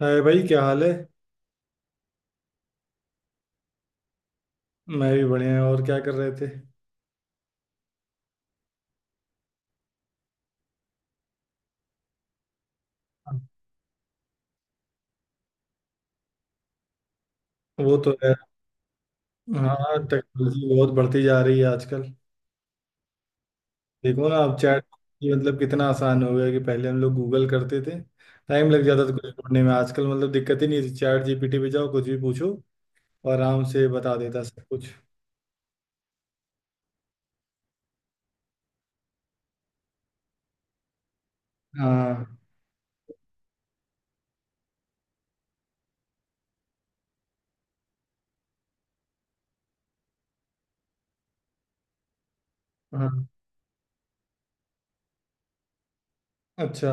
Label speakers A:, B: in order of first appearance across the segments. A: हाय भाई, क्या हाल है। मैं भी बढ़िया है, और क्या कर रहे थे। वो तो है। हाँ, टेक्नोलॉजी बहुत बढ़ती जा रही है आजकल। देखो ना, अब चैट मतलब कितना आसान हो गया कि पहले हम लोग गूगल करते थे। टाइम लग जाता था कुछ ढूंढने में, आजकल मतलब दिक्कत ही नहीं है, चैट जीपीटी पे जाओ कुछ भी पूछो और आराम से बता देता सब कुछ। हाँ हाँ। अच्छा।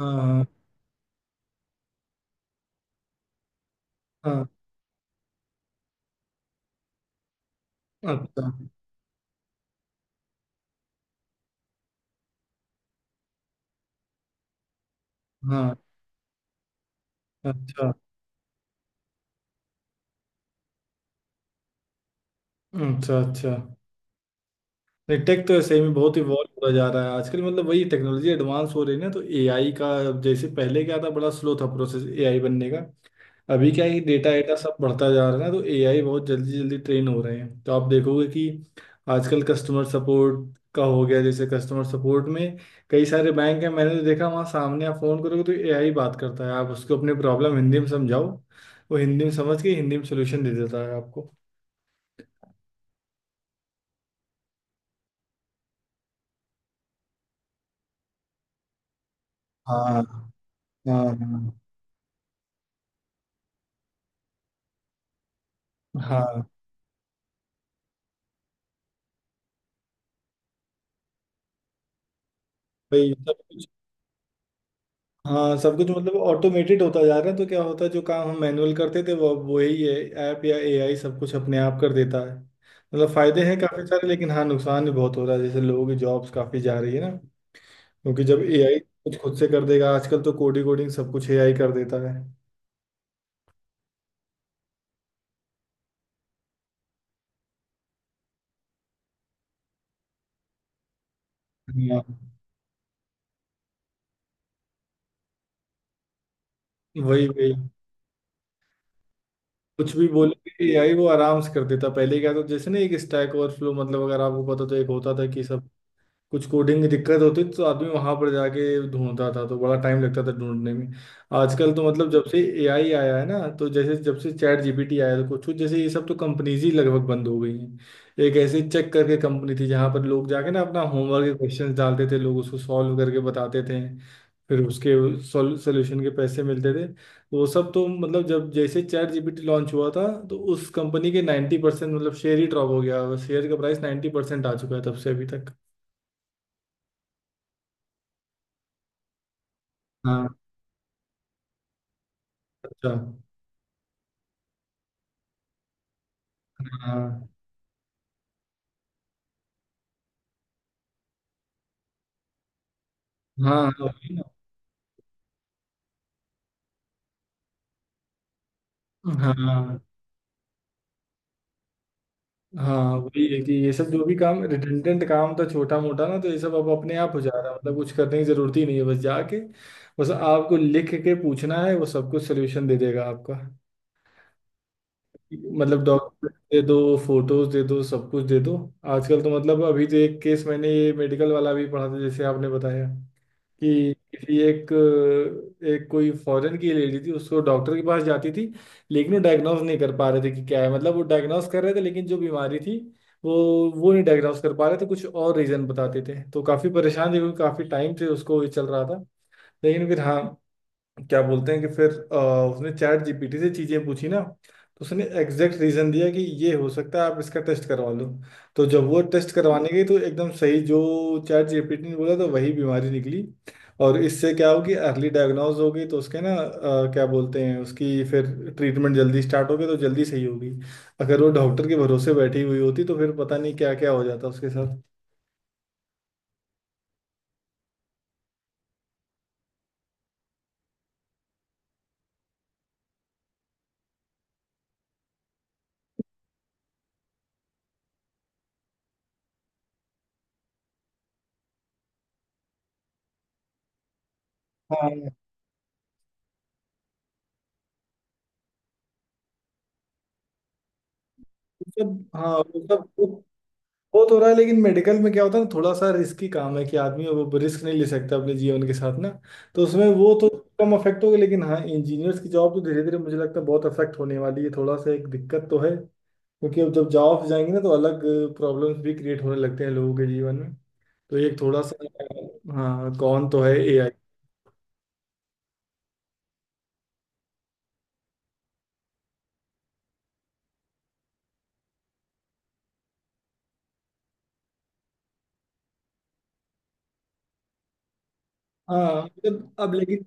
A: हाँ हाँ हाँ, अच्छा। हाँ, अच्छा अच्छा अच्छा। नहीं, टेक तो सही में बहुत इवॉल्व होता जा रहा है आजकल, मतलब वही टेक्नोलॉजी एडवांस हो रही है ना, तो एआई का जैसे पहले क्या था, बड़ा स्लो था प्रोसेस एआई बनने का। अभी क्या है, डेटा एटा सब बढ़ता जा रहा है ना, तो एआई बहुत जल्दी जल्दी ट्रेन हो रहे हैं, तो आप देखोगे कि आजकल कस्टमर सपोर्ट का हो गया, जैसे कस्टमर सपोर्ट में कई सारे बैंक हैं, मैंने तो देखा वहाँ सामने आप फोन करोगे तो एआई बात करता है, आप उसको अपनी प्रॉब्लम हिंदी में समझाओ, वो हिंदी में समझ के हिंदी में सोल्यूशन दे देता है आपको। हाँ हाँ। हाँ हाँ। भाई, सब कुछ। हाँ, सब कुछ मतलब ऑटोमेटेड होता जा रहा है, तो क्या होता है जो काम हम मैनुअल करते थे वो वही है, ऐप या एआई सब कुछ अपने आप कर देता है। मतलब फायदे हैं काफी सारे, लेकिन हाँ, नुकसान भी बहुत हो रहा है, जैसे लोगों की जॉब्स काफी जा रही है ना, क्योंकि जब एआई कुछ खुद से कर देगा आजकल, तो कोडिंग कोडिंग सब कुछ एआई कर देता है। हाँ। वही वही कुछ भी बोले एआई वो आराम से कर देता। पहले क्या था जैसे ना, एक स्टैक ओवरफ्लो, मतलब अगर आपको पता, तो एक होता था कि सब कुछ कोडिंग की दिक्कत होती थी तो आदमी वहां पर जाके ढूंढता था, तो बड़ा टाइम लगता था ढूंढने में। आजकल तो मतलब जब से एआई आया है ना, तो जैसे जब से चैट जीपीटी आया है, तो कुछ कुछ जैसे ये सब तो कंपनीज ही लगभग बंद हो गई हैं। एक ऐसी चेक करके कंपनी थी जहां पर लोग जाके ना अपना होमवर्क के क्वेश्चंस डालते थे, लोग उसको सॉल्व करके बताते थे, फिर उसके सोल्यूशन के पैसे मिलते थे। वो सब तो मतलब जब जैसे चैट जीपीटी लॉन्च हुआ था, तो उस कंपनी के 90% मतलब शेयर ही ड्रॉप हो गया, शेयर का प्राइस 90% आ चुका है तब से अभी तक। अच्छा। हाँ हाँ। हाँ, वही ना। हाँ हाँ, वही है कि ये सब जो भी काम रिडंडेंट काम था छोटा मोटा ना, तो ये सब अब अपने आप हो जा रहा है, मतलब कुछ करने की जरूरत ही नहीं है, बस जाके बस आपको लिख के पूछना है, वो सब कुछ सोल्यूशन दे देगा आपका। मतलब डॉक्यूमेंट दे दो, फोटोज दे दो, सब कुछ दे दो। आजकल तो मतलब, अभी तो एक केस मैंने ये मेडिकल वाला भी पढ़ा था जैसे आपने बताया, कि किसी एक एक कोई फॉरेन की लेडी थी, उसको डॉक्टर के पास जाती थी लेकिन वो डायग्नोज नहीं कर पा रहे थे कि क्या है, मतलब वो डायग्नोज कर रहे थे, लेकिन जो बीमारी थी वो वो नहीं डायग्नोज कर पा रहे थे, कुछ और रीजन बताते थे। तो काफी परेशान थे क्योंकि काफी टाइम से उसको ये चल रहा था। लेकिन फिर हाँ, क्या बोलते हैं कि फिर उसने चैट जीपीटी से चीजें पूछी ना, तो उसने एग्जैक्ट रीजन दिया कि ये हो सकता है, आप इसका टेस्ट करवा लो। तो जब वो टेस्ट करवाने गई, तो एकदम सही जो चैट जीपीटी ने बोला तो वही बीमारी निकली। और इससे क्या होगी, अर्ली डायग्नोज हो गई तो उसके ना क्या बोलते हैं, उसकी फिर ट्रीटमेंट जल्दी स्टार्ट होगी तो जल्दी सही होगी। अगर वो डॉक्टर के भरोसे बैठी हुई होती, तो फिर पता नहीं क्या क्या हो जाता उसके साथ। हाँ वो हाँ वो सब वो तो हो रहा है, लेकिन मेडिकल में क्या होता है ना, थोड़ा सा रिस्की काम है कि आदमी वो रिस्क नहीं ले सकता अपने जीवन के साथ ना, तो उसमें वो तो कम अफेक्ट होगा। लेकिन हाँ, इंजीनियर्स की जॉब तो धीरे धीरे मुझे लगता है बहुत अफेक्ट होने वाली है, थोड़ा सा एक दिक्कत तो है। क्योंकि अब जब जॉब जाएंगे ना, तो अलग प्रॉब्लम्स भी क्रिएट होने लगते हैं लोगों के जीवन में, तो एक थोड़ा सा। हाँ, कौन तो है एआई। हाँ मतलब अब लेकिन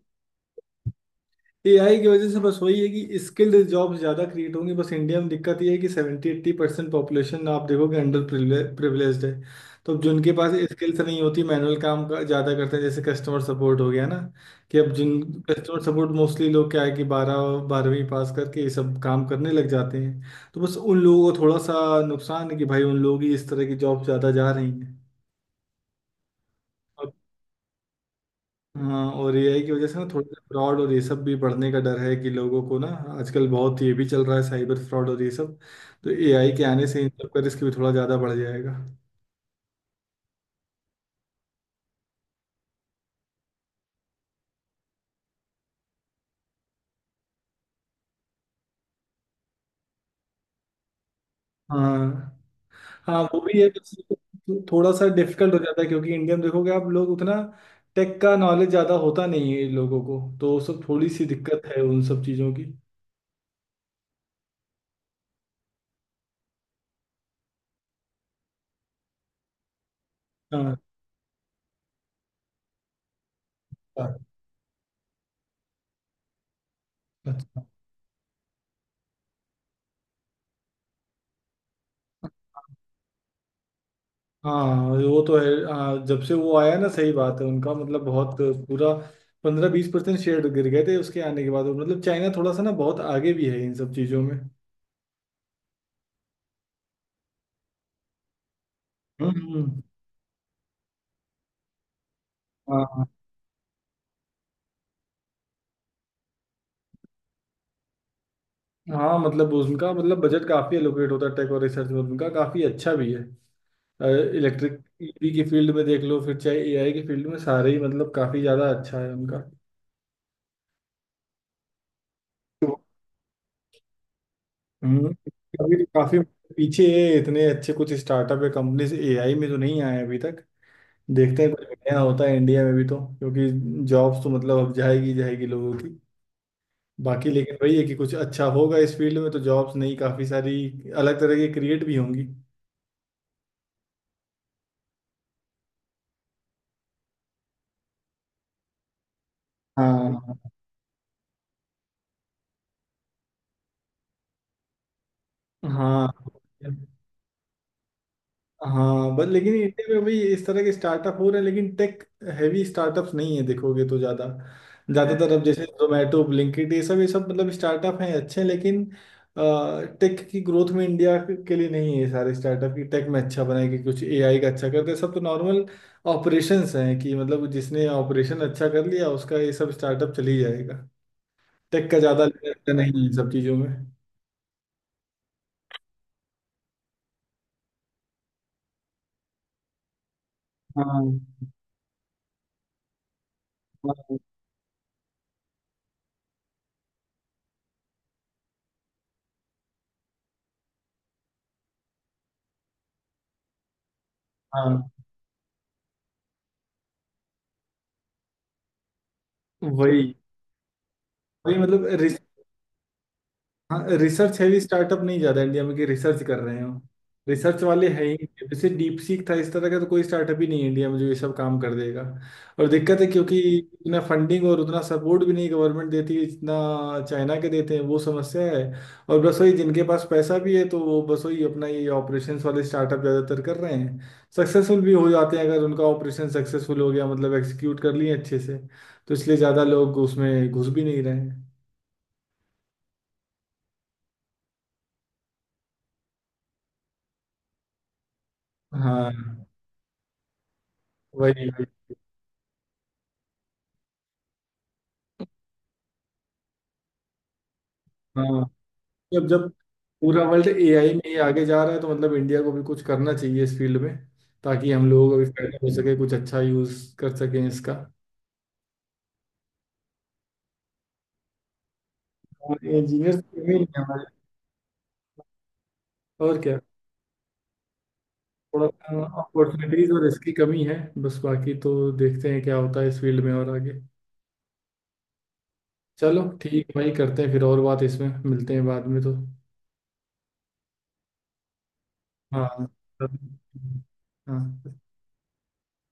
A: एआई की वजह से बस वही है कि स्किल्ड जॉब्स ज़्यादा क्रिएट होंगी। बस इंडिया में दिक्कत ये है कि 70-80% पॉपुलेशन आप देखोगे अंडर प्रिविलेज्ड है। तो अब जिनके पास स्किल्स नहीं होती, मैनुअल काम का ज़्यादा करते हैं, जैसे कस्टमर सपोर्ट हो गया ना, कि अब जिन कस्टमर सपोर्ट मोस्टली लोग क्या है, कि बारहवीं पास करके ये सब काम करने लग जाते हैं, तो बस उन लोगों को थोड़ा सा नुकसान है कि भाई उन लोग ही इस तरह की जॉब ज़्यादा जा रही हैं। हाँ, और एआई की वजह से ना थोड़ा सा फ्रॉड और ये सब भी बढ़ने का डर है कि लोगों को ना, आजकल बहुत ये भी चल रहा है साइबर फ्रॉड और ये सब, तो एआई के आने से इन सब का रिस्क भी थोड़ा ज़्यादा बढ़ जाएगा। हाँ। हाँ, वो भी है, बस तो थोड़ा सा डिफिकल्ट हो जाता है क्योंकि इंडिया में देखोगे आप, लोग उतना टेक का नॉलेज ज़्यादा होता नहीं है लोगों को, तो वो सब थोड़ी सी दिक्कत है उन सब चीज़ों की। हाँ। अच्छा। हाँ, वो तो है। हाँ, जब से वो आया ना, सही बात है, उनका मतलब बहुत पूरा 15-20% शेयर गिर गए थे उसके आने के बाद। मतलब चाइना थोड़ा सा ना बहुत आगे भी है इन सब चीज़ों में। हम्म। हाँ। हाँ मतलब उनका मतलब बजट काफ़ी एलोकेट होता है टेक और रिसर्च में, उनका काफ़ी अच्छा भी है। इलेक्ट्रिक ईवी की फील्ड में देख लो, फिर चाहे एआई की फील्ड में, सारे ही मतलब काफ़ी ज़्यादा अच्छा है उनका। तो हम्म, अभी तो काफ़ी पीछे है, इतने अच्छे कुछ स्टार्टअप या कंपनीज एआई में तो नहीं आए अभी तक। देखते हैं कुछ बढ़िया होता है इंडिया में भी, तो क्योंकि जॉब्स तो मतलब अब जाएगी जाएगी लोगों की, बाकी लेकिन वही है कि कुछ अच्छा होगा इस फील्ड में तो जॉब्स नहीं, काफी सारी अलग तरह की क्रिएट भी होंगी। हाँ हाँ। हाँ बट लेकिन इंडिया में भी इस तरह के स्टार्टअप हो रहे हैं, लेकिन टेक हैवी स्टार्टअप्स नहीं है देखोगे तो ज़्यादा। ज़्यादातर अब जैसे जोमेटो, ब्लिंकिट, ये सब मतलब स्टार्टअप हैं अच्छे, लेकिन टेक की ग्रोथ में इंडिया के लिए नहीं है ये सारे स्टार्टअप की। टेक में अच्छा बनाएगी कुछ एआई का अच्छा करते हैं, सब तो नॉर्मल ऑपरेशंस हैं कि मतलब जिसने ऑपरेशन अच्छा कर लिया उसका ये सब स्टार्टअप चल ही जाएगा, टेक का ज़्यादा लेना नहीं है इन सब चीज़ों में। हाँ हाँ हाँ, हाँ वही वही मतलब। हाँ, रिसर्च हैवी स्टार्टअप नहीं ज्यादा इंडिया में कि रिसर्च कर रहे हो, रिसर्च वाले है ही नहीं। जैसे डीप सीक था इस तरह का, तो कोई स्टार्टअप ही नहीं है इंडिया में जो ये सब काम कर देगा। और दिक्कत है क्योंकि इतना फंडिंग और उतना सपोर्ट भी नहीं गवर्नमेंट देती है जितना चाइना के देते हैं, वो समस्या है। और बस वही जिनके पास पैसा भी है तो वो बस वही अपना ये ऑपरेशंस वाले स्टार्टअप ज्यादातर कर रहे हैं, सक्सेसफुल भी हो जाते हैं अगर उनका ऑपरेशन सक्सेसफुल हो गया, मतलब एग्जीक्यूट कर लिए अच्छे से, तो इसलिए ज्यादा लोग उसमें घुस भी नहीं रहे हैं। हाँ वही। हाँ, जब जब पूरा वर्ल्ड एआई में ही आगे जा रहा है, तो मतलब इंडिया को भी कुछ करना चाहिए इस फील्ड में, ताकि हम लोग अभी फायदा हो सके, कुछ अच्छा यूज कर सकें इसका। इंजीनियर कमी नहीं है हमारे, और क्या, थोड़ा सा अपॉर्चुनिटीज और इसकी कमी है। बस बाकी तो देखते हैं क्या होता है इस फील्ड में और आगे। चलो ठीक है भाई, करते हैं फिर और बात, इसमें मिलते हैं बाद में तो। हाँ हाँ।